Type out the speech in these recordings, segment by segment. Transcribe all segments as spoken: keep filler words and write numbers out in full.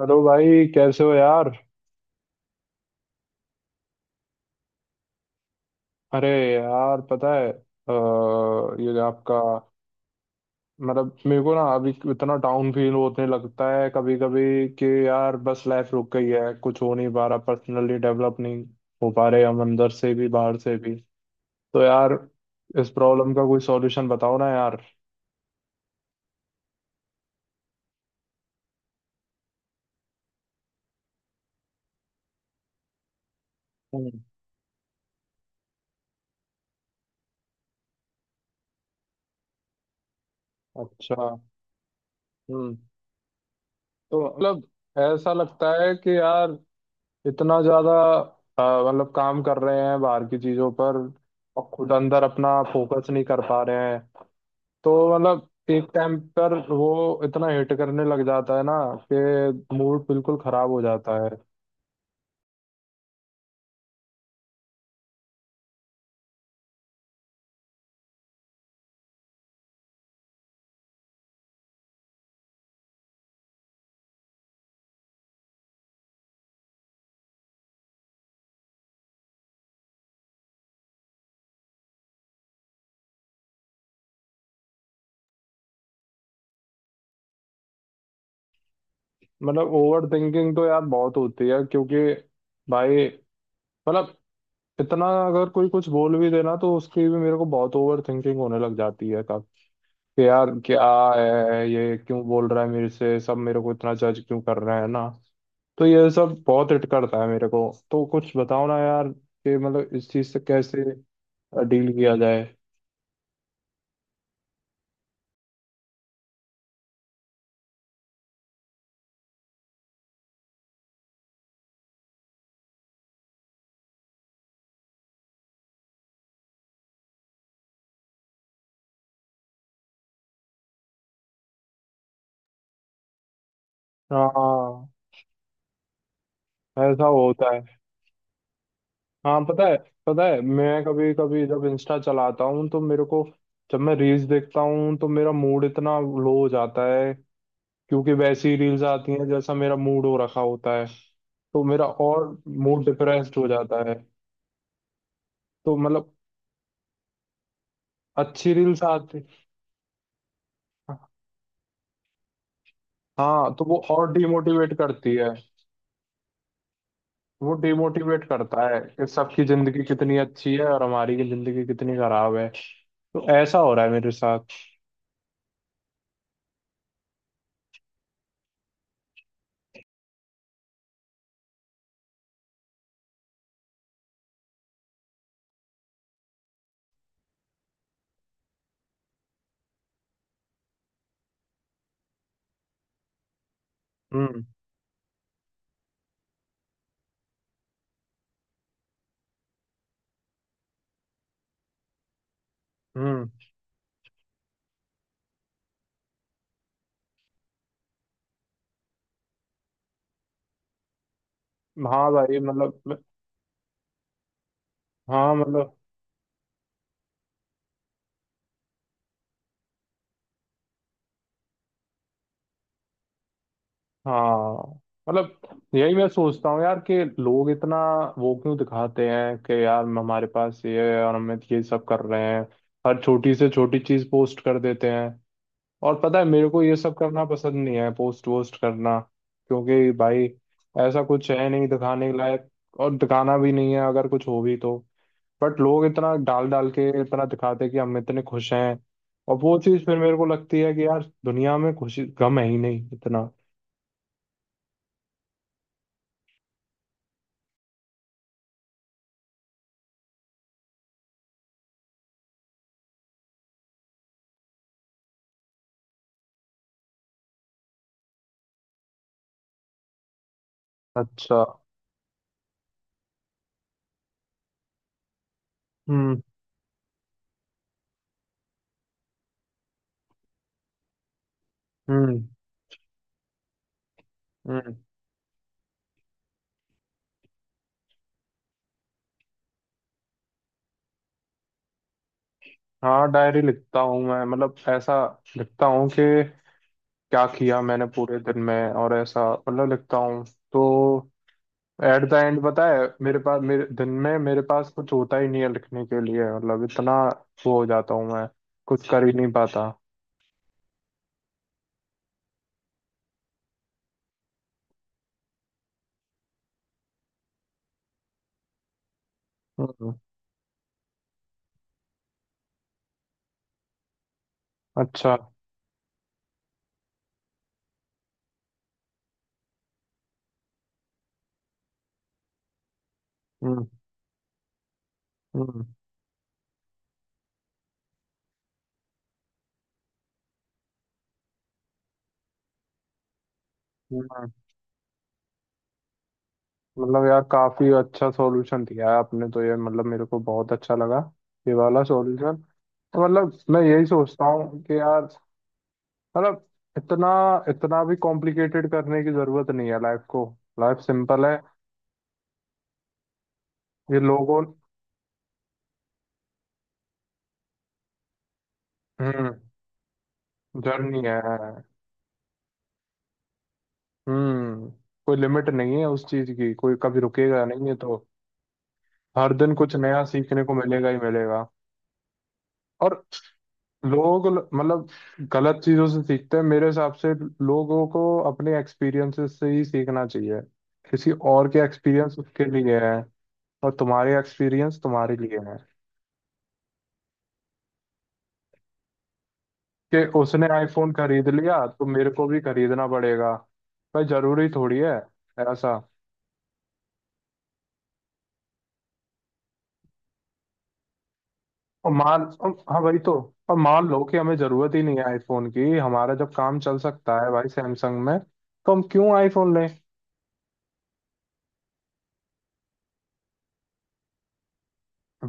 Hello भाई, कैसे हो यार। अरे यार, पता है अ, ये आपका। मतलब मेरे को ना अभी इतना डाउन फील होने लगता है कभी कभी कि यार बस लाइफ रुक गई है, कुछ हो नहीं पा रहा, पर्सनली डेवलप नहीं हो पा रहे हम, अंदर से भी बाहर से भी। तो यार, इस प्रॉब्लम का कोई सॉल्यूशन बताओ ना यार। हम्म। अच्छा। हम्म। तो मतलब ऐसा लगता है कि यार इतना ज्यादा अ, मतलब काम कर रहे हैं बाहर की चीजों पर और खुद अंदर अपना फोकस नहीं कर पा रहे हैं। तो मतलब एक टाइम पर वो इतना हिट करने लग जाता है ना कि मूड बिल्कुल खराब हो जाता है। मतलब ओवर थिंकिंग तो यार बहुत होती है, क्योंकि भाई, मतलब इतना अगर कोई कुछ बोल भी देना तो उसकी भी मेरे को बहुत ओवर थिंकिंग होने लग जाती है कि यार क्या है, ये क्यों बोल रहा है मेरे से, सब मेरे को इतना जज क्यों कर रहे हैं ना। तो ये सब बहुत हिट करता है मेरे को। तो कुछ बताओ ना यार कि मतलब इस चीज से कैसे डील किया जाए। हाँ, ऐसा होता है। हाँ, पता है। पता है, मैं कभी कभी जब इंस्टा चलाता हूँ तो मेरे को, जब मैं रील्स देखता हूँ तो मेरा मूड इतना लो हो जाता है क्योंकि वैसी रील्स आती हैं जैसा मेरा मूड हो रखा होता है। तो मेरा और मूड डिप्रेस्ड हो जाता है। तो मतलब अच्छी रील्स आती। हाँ, तो वो और डिमोटिवेट करती है। वो डिमोटिवेट करता है कि सबकी जिंदगी कितनी अच्छी है और हमारी की जिंदगी कितनी खराब है। तो ऐसा हो रहा है मेरे साथ। हम्म। हम्म। हाँ भाई, मतलब मैं- हाँ मतलब हाँ मतलब यही मैं सोचता हूँ यार कि लोग इतना वो क्यों दिखाते हैं कि यार हमारे पास ये है और हम ये सब कर रहे हैं। हर छोटी से छोटी चीज पोस्ट कर देते हैं। और पता है, मेरे को ये सब करना पसंद नहीं है, पोस्ट वोस्ट करना। क्योंकि भाई, ऐसा कुछ है नहीं दिखाने के लायक। और दिखाना भी नहीं है अगर कुछ हो भी तो। बट लोग इतना डाल डाल के इतना दिखाते कि हम इतने खुश हैं। और वो चीज़ फिर मेरे को लगती है कि यार दुनिया में खुशी गम है ही नहीं इतना। अच्छा। हम्म। हम्म। हम्म। हाँ, डायरी लिखता हूँ मैं, मतलब ऐसा लिखता हूँ कि क्या किया मैंने पूरे दिन में, और ऐसा मतलब लिखता हूँ। तो एट द एंड पता है, मेरे पास, मेरे दिन में मेरे पास कुछ होता ही नहीं है लिखने के लिए, मतलब इतना वो हो जाता हूँ मैं। कुछ कर ही नहीं पाता। हम्म। अच्छा। हम्म। हम्म। हम्म। मतलब यार काफी अच्छा सॉल्यूशन दिया है आपने तो, ये मतलब मेरे को बहुत अच्छा लगा ये वाला सॉल्यूशन। मतलब मैं यही सोचता हूँ कि यार, मतलब इतना इतना भी कॉम्प्लिकेटेड करने की जरूरत नहीं है लाइफ को। लाइफ सिंपल है। ये लोगों। हम्म। जर्नी है। हम्म। कोई लिमिट नहीं है उस चीज की, कोई कभी रुकेगा नहीं है तो। हर दिन कुछ नया सीखने को मिलेगा ही मिलेगा। और लोग ल- मतलब गलत चीजों से सीखते हैं मेरे हिसाब से। लोगों को अपने एक्सपीरियंसेस से ही सीखना चाहिए। किसी और के एक्सपीरियंस उसके लिए है। और तुम्हारे एक्सपीरियंस तुम्हारे लिए है। कि उसने आईफोन खरीद लिया तो मेरे को भी खरीदना पड़ेगा? भाई, जरूरी थोड़ी है ऐसा। और मान और- हाँ, वही तो। और मान लो कि हमें जरूरत ही नहीं है आईफोन की, हमारा जब काम चल सकता है भाई सैमसंग में तो हम क्यों आईफोन लें।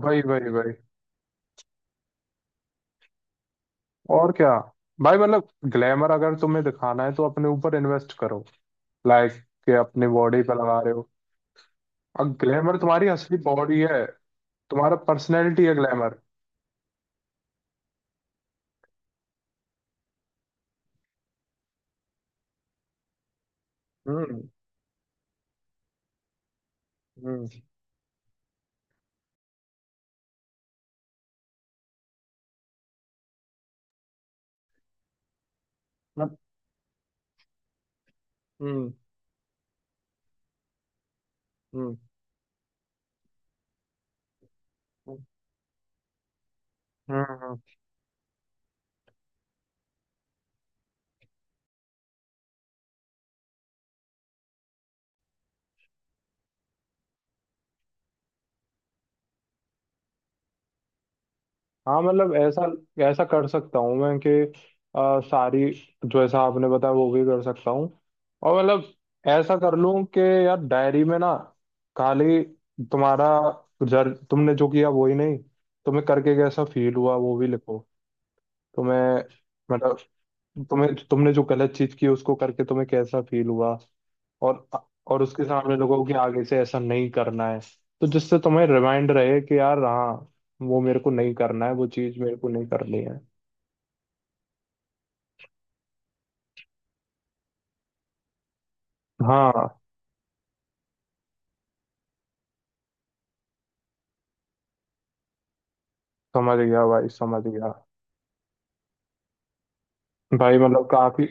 वही वही वही। और क्या। भाई मतलब, ग्लैमर अगर तुम्हें दिखाना है तो अपने ऊपर इन्वेस्ट करो। लाइक, कि अपनी बॉडी पे लगा रहे हो। और ग्लैमर तुम्हारी असली बॉडी है। तुम्हारा पर्सनैलिटी है ग्लैमर। हम्म। हम्म। हम्म। हम्म। हम्म। हम्म। हम्म। हाँ मतलब ऐसा ऐसा कर सकता हूँ मैं कि आ, सारी जो ऐसा आपने बताया वो भी कर सकता हूँ। और मतलब ऐसा कर लूँ कि यार डायरी में ना, खाली तुम्हारा, जर तुमने जो किया वो ही नहीं, तुम्हें करके कैसा फील हुआ वो भी लिखो। तुम्हें मतलब तुम्हें तुमने जो गलत चीज की उसको करके तुम्हें कैसा फील हुआ। और और उसके सामने लोगों कि आगे से ऐसा नहीं करना है। तो जिससे तुम्हें रिमाइंड रहे कि यार हाँ, वो मेरे को नहीं करना है, वो चीज मेरे को नहीं करनी है। हाँ, समझ गया भाई, समझ गया। भाई मतलब काफी,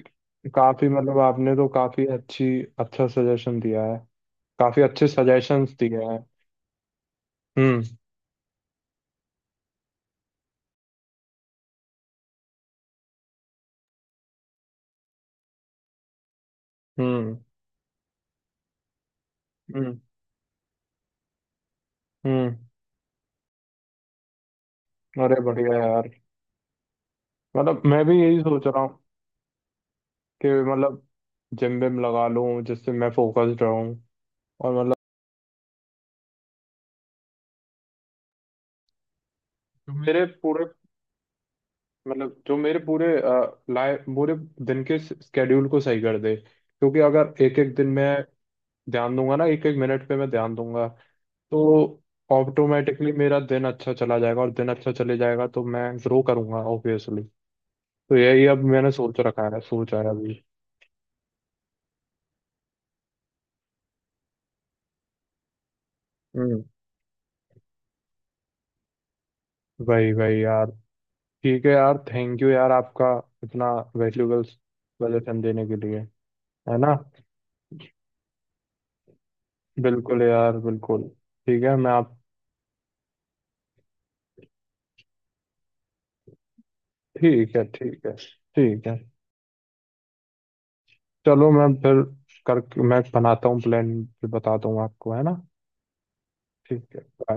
काफी मतलब आपने तो काफी अच्छी अच्छा सजेशन दिया है, काफी अच्छे सजेशंस दिए हैं। हम्म। हम्म। हम्म। हम्म। अरे बढ़िया यार। मतलब मैं भी यही सोच रहा हूँ कि मतलब जिम विम लगा लूं जिससे मैं फोकस्ड रहूं। और मतलब मेरे पूरे मतलब जो मेरे पूरे लाइफ, पूरे दिन के स्केड्यूल को सही कर दे, क्योंकि अगर एक एक दिन मैं ध्यान दूंगा ना, एक एक मिनट पे मैं ध्यान दूंगा, तो ऑटोमेटिकली मेरा दिन अच्छा चला जाएगा, और दिन अच्छा चले जाएगा तो मैं ग्रो करूंगा ऑब्वियसली। तो यही अब मैंने सोच रखा है, सोचा है अभी। हम्म। वही वही यार। ठीक है यार, थैंक यू यार आपका, इतना वैल्यूबल सजेशन देने के लिए। है ना। बिल्कुल यार, बिल्कुल। ठीक है, मैं आप। ठीक है, ठीक है। ठीक है। चलो, मैं फिर कर मैं बनाता हूँ प्लान। फिर बताता हूँ आपको, है ना। ठीक है। bye.